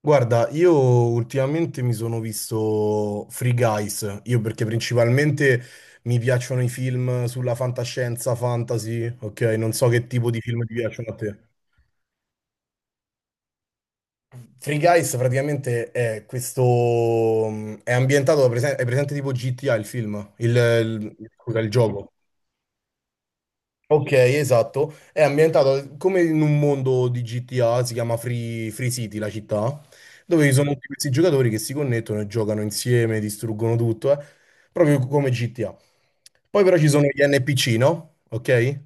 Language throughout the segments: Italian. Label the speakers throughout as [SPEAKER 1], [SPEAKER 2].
[SPEAKER 1] Guarda, io ultimamente mi sono visto Free Guys, io perché principalmente mi piacciono i film sulla fantascienza, fantasy, ok? Non so che tipo di film ti piacciono a te. Free Guys praticamente è questo... è ambientato, è presente tipo GTA il film, scusa, il gioco. Ok, esatto. È ambientata come in un mondo di GTA, si chiama Free, Free City, la città, dove ci sono Mhm. tutti questi giocatori che si connettono e giocano insieme, distruggono tutto, proprio come GTA. Poi però ci sono gli NPC, no? Ok?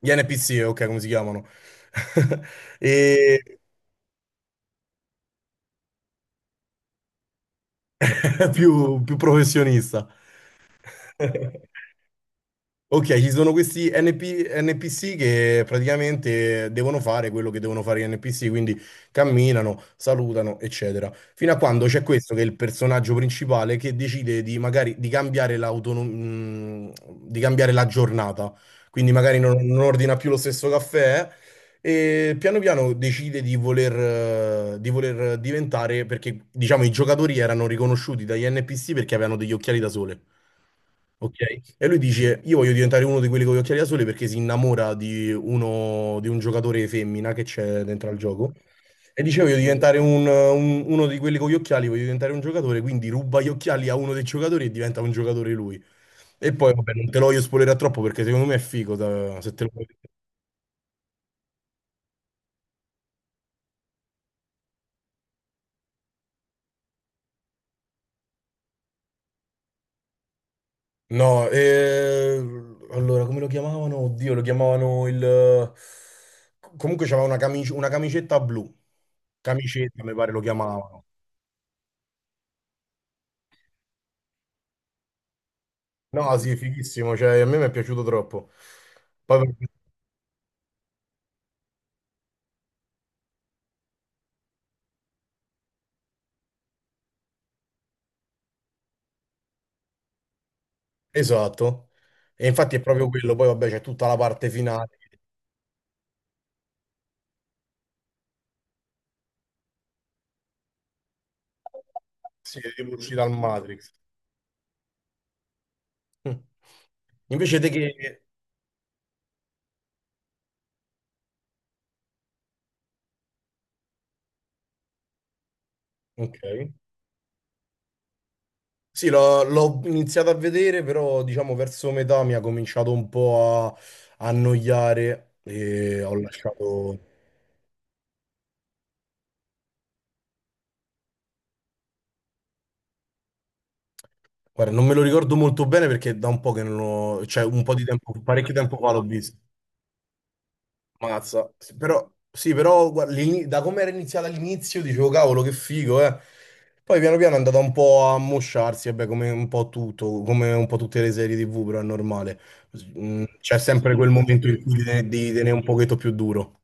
[SPEAKER 1] Gli NPC, ok, come si chiamano? E più, più professionista. Ok, ci sono questi NP NPC che praticamente devono fare quello che devono fare gli NPC, quindi camminano, salutano, eccetera. Fino a quando c'è questo che è il personaggio principale che decide di magari di cambiare l'autonomia, di cambiare la giornata. Quindi magari non ordina più lo stesso caffè, e piano piano decide di voler diventare, perché diciamo i giocatori erano riconosciuti dagli NPC perché avevano degli occhiali da sole. Ok? E lui dice: Io voglio diventare uno di quelli con gli occhiali da sole perché si innamora di uno di un giocatore femmina che c'è dentro al gioco. E dice: Voglio diventare uno di quelli con gli occhiali, voglio diventare un giocatore. Quindi ruba gli occhiali a uno dei giocatori e diventa un giocatore lui. E poi, vabbè, non te lo voglio spoilerare troppo perché secondo me è figo. Se te lo... No, allora come lo chiamavano? Oddio, lo chiamavano il. Comunque c'aveva una una camicetta blu. Camicetta, mi pare lo chiamavano. No, sì, fighissimo, cioè a me mi è piaciuto troppo. Poi per- Esatto. E infatti è proprio quello, poi vabbè c'è tutta la parte finale, sì, tipo uscita dal Matrix. Mm. Invece te che... Ok. Sì, l'ho iniziato a vedere, però diciamo verso metà mi ha cominciato un po' a annoiare e ho lasciato... Guarda, non me lo ricordo molto bene perché da un po' che non l'ho... cioè un po' di tempo, parecchio tempo fa l'ho visto. Mazza, sì, però, sì, però guarda, da come era iniziata all'inizio dicevo cavolo che figo, eh. Poi piano piano è andata un po' a mosciarsi, vabbè, come un po' tutto, come un po' tutte le serie TV, però è normale. Mm, c'è sempre quel momento in cui devi tenere un pochetto più duro.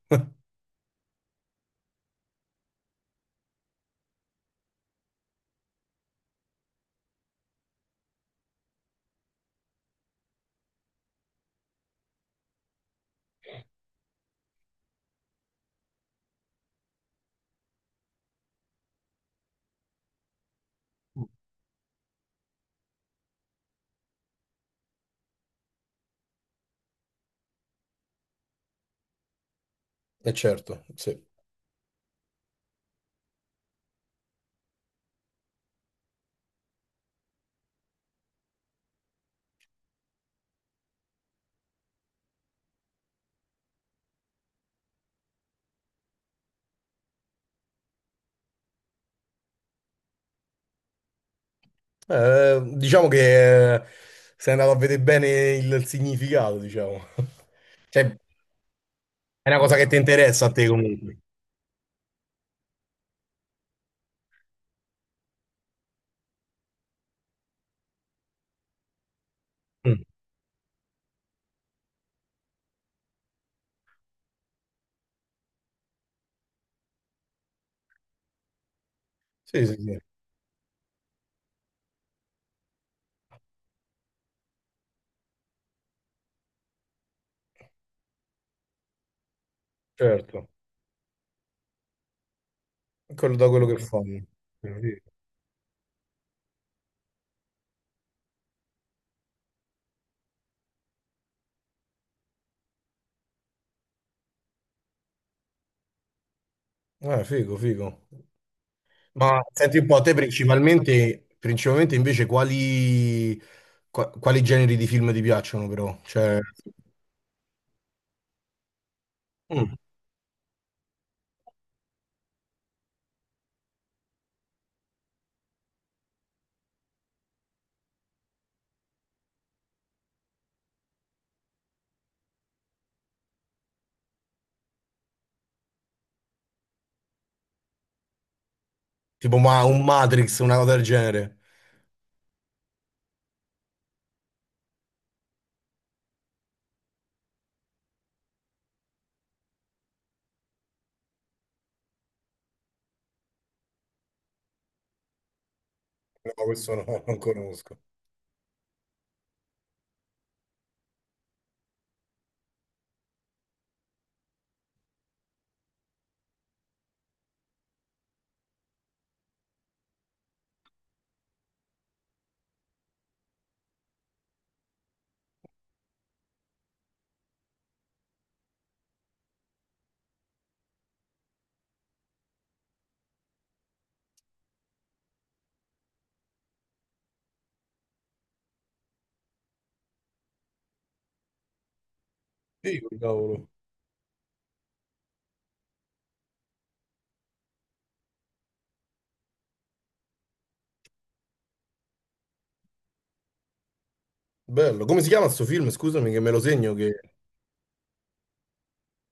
[SPEAKER 1] E certo, sì. Diciamo che sei andato a vedere bene il significato, diciamo. Cioè, è una cosa che ti interessa a te comunque. Mm. Sì, sì, sì, certo. Quello da quello che fanno. Figo, figo. Ma senti un po', te principalmente, principalmente invece quali, quali generi di film ti piacciono però? Cioè, mm, tipo ma, un Matrix, una cosa del genere? No, questo no, non conosco. Figo, cavolo. Bello. Come si chiama sto film? Scusami che me lo segno che...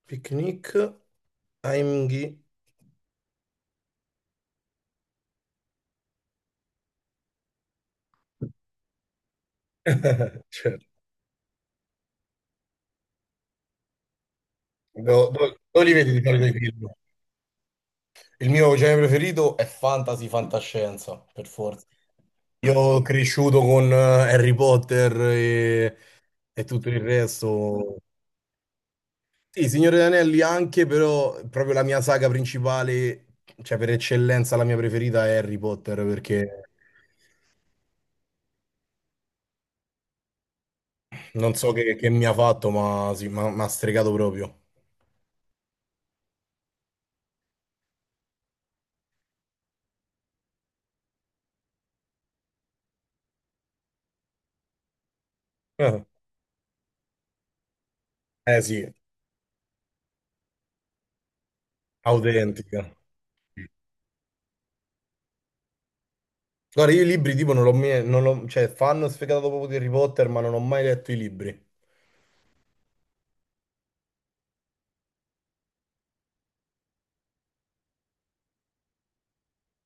[SPEAKER 1] Picnic, Heimgeh... Certo. Dove li vedi di solito i film? Il mio genere preferito è fantasy, fantascienza, per forza. Io ho cresciuto con Harry Potter e tutto il resto. Sì, Signore degli Anelli anche, però proprio la mia saga principale, cioè per eccellenza la mia preferita è Harry Potter, perché non so che mi ha fatto, ma sì, mi ha stregato proprio. Eh sì, autentica. Guarda, io i libri tipo non l'ho mai, non l'ho- cioè fanno sfegato proprio di Harry Potter, ma non ho mai letto i libri.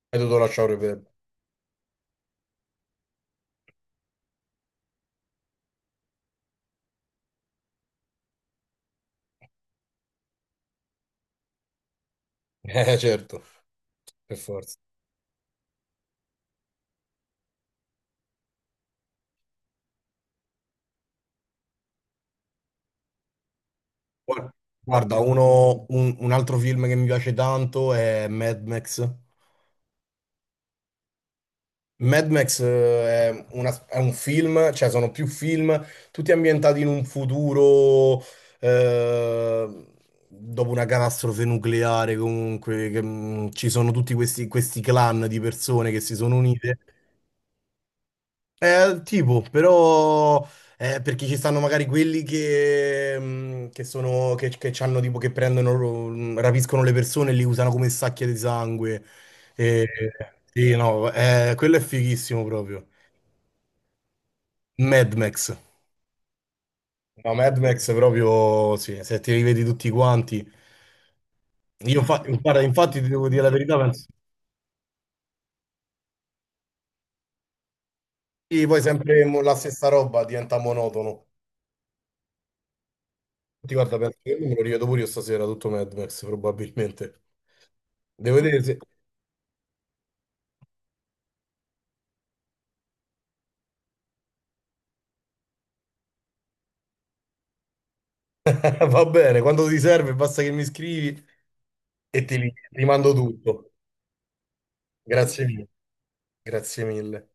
[SPEAKER 1] E dovuto lasciare per... Eh certo, per forza. Guarda, guarda, un altro film che mi piace tanto è Mad Max. Mad Max è, è un film, cioè sono più film, tutti ambientati in un futuro eh, dopo una catastrofe nucleare, comunque, che, ci sono tutti questi, questi clan di persone che si sono unite. Tipo, però, perché ci stanno magari quelli che sono, che c'hanno tipo, che prendono, rapiscono le persone e li usano come sacche di sangue. Eh, sì, no, quello è fighissimo proprio. Mad Max. No, Mad Max proprio, sì, se ti rivedi tutti quanti. Io, guarda, infatti, ti devo dire la verità, penso. Sì, poi sempre la stessa roba diventa monotono. Ti guarda, penso che me lo rivedo pure io stasera, tutto Mad Max, probabilmente. Devo vedere se... Va bene, quando ti serve basta che mi scrivi e ti mando tutto. Grazie mille, grazie mille.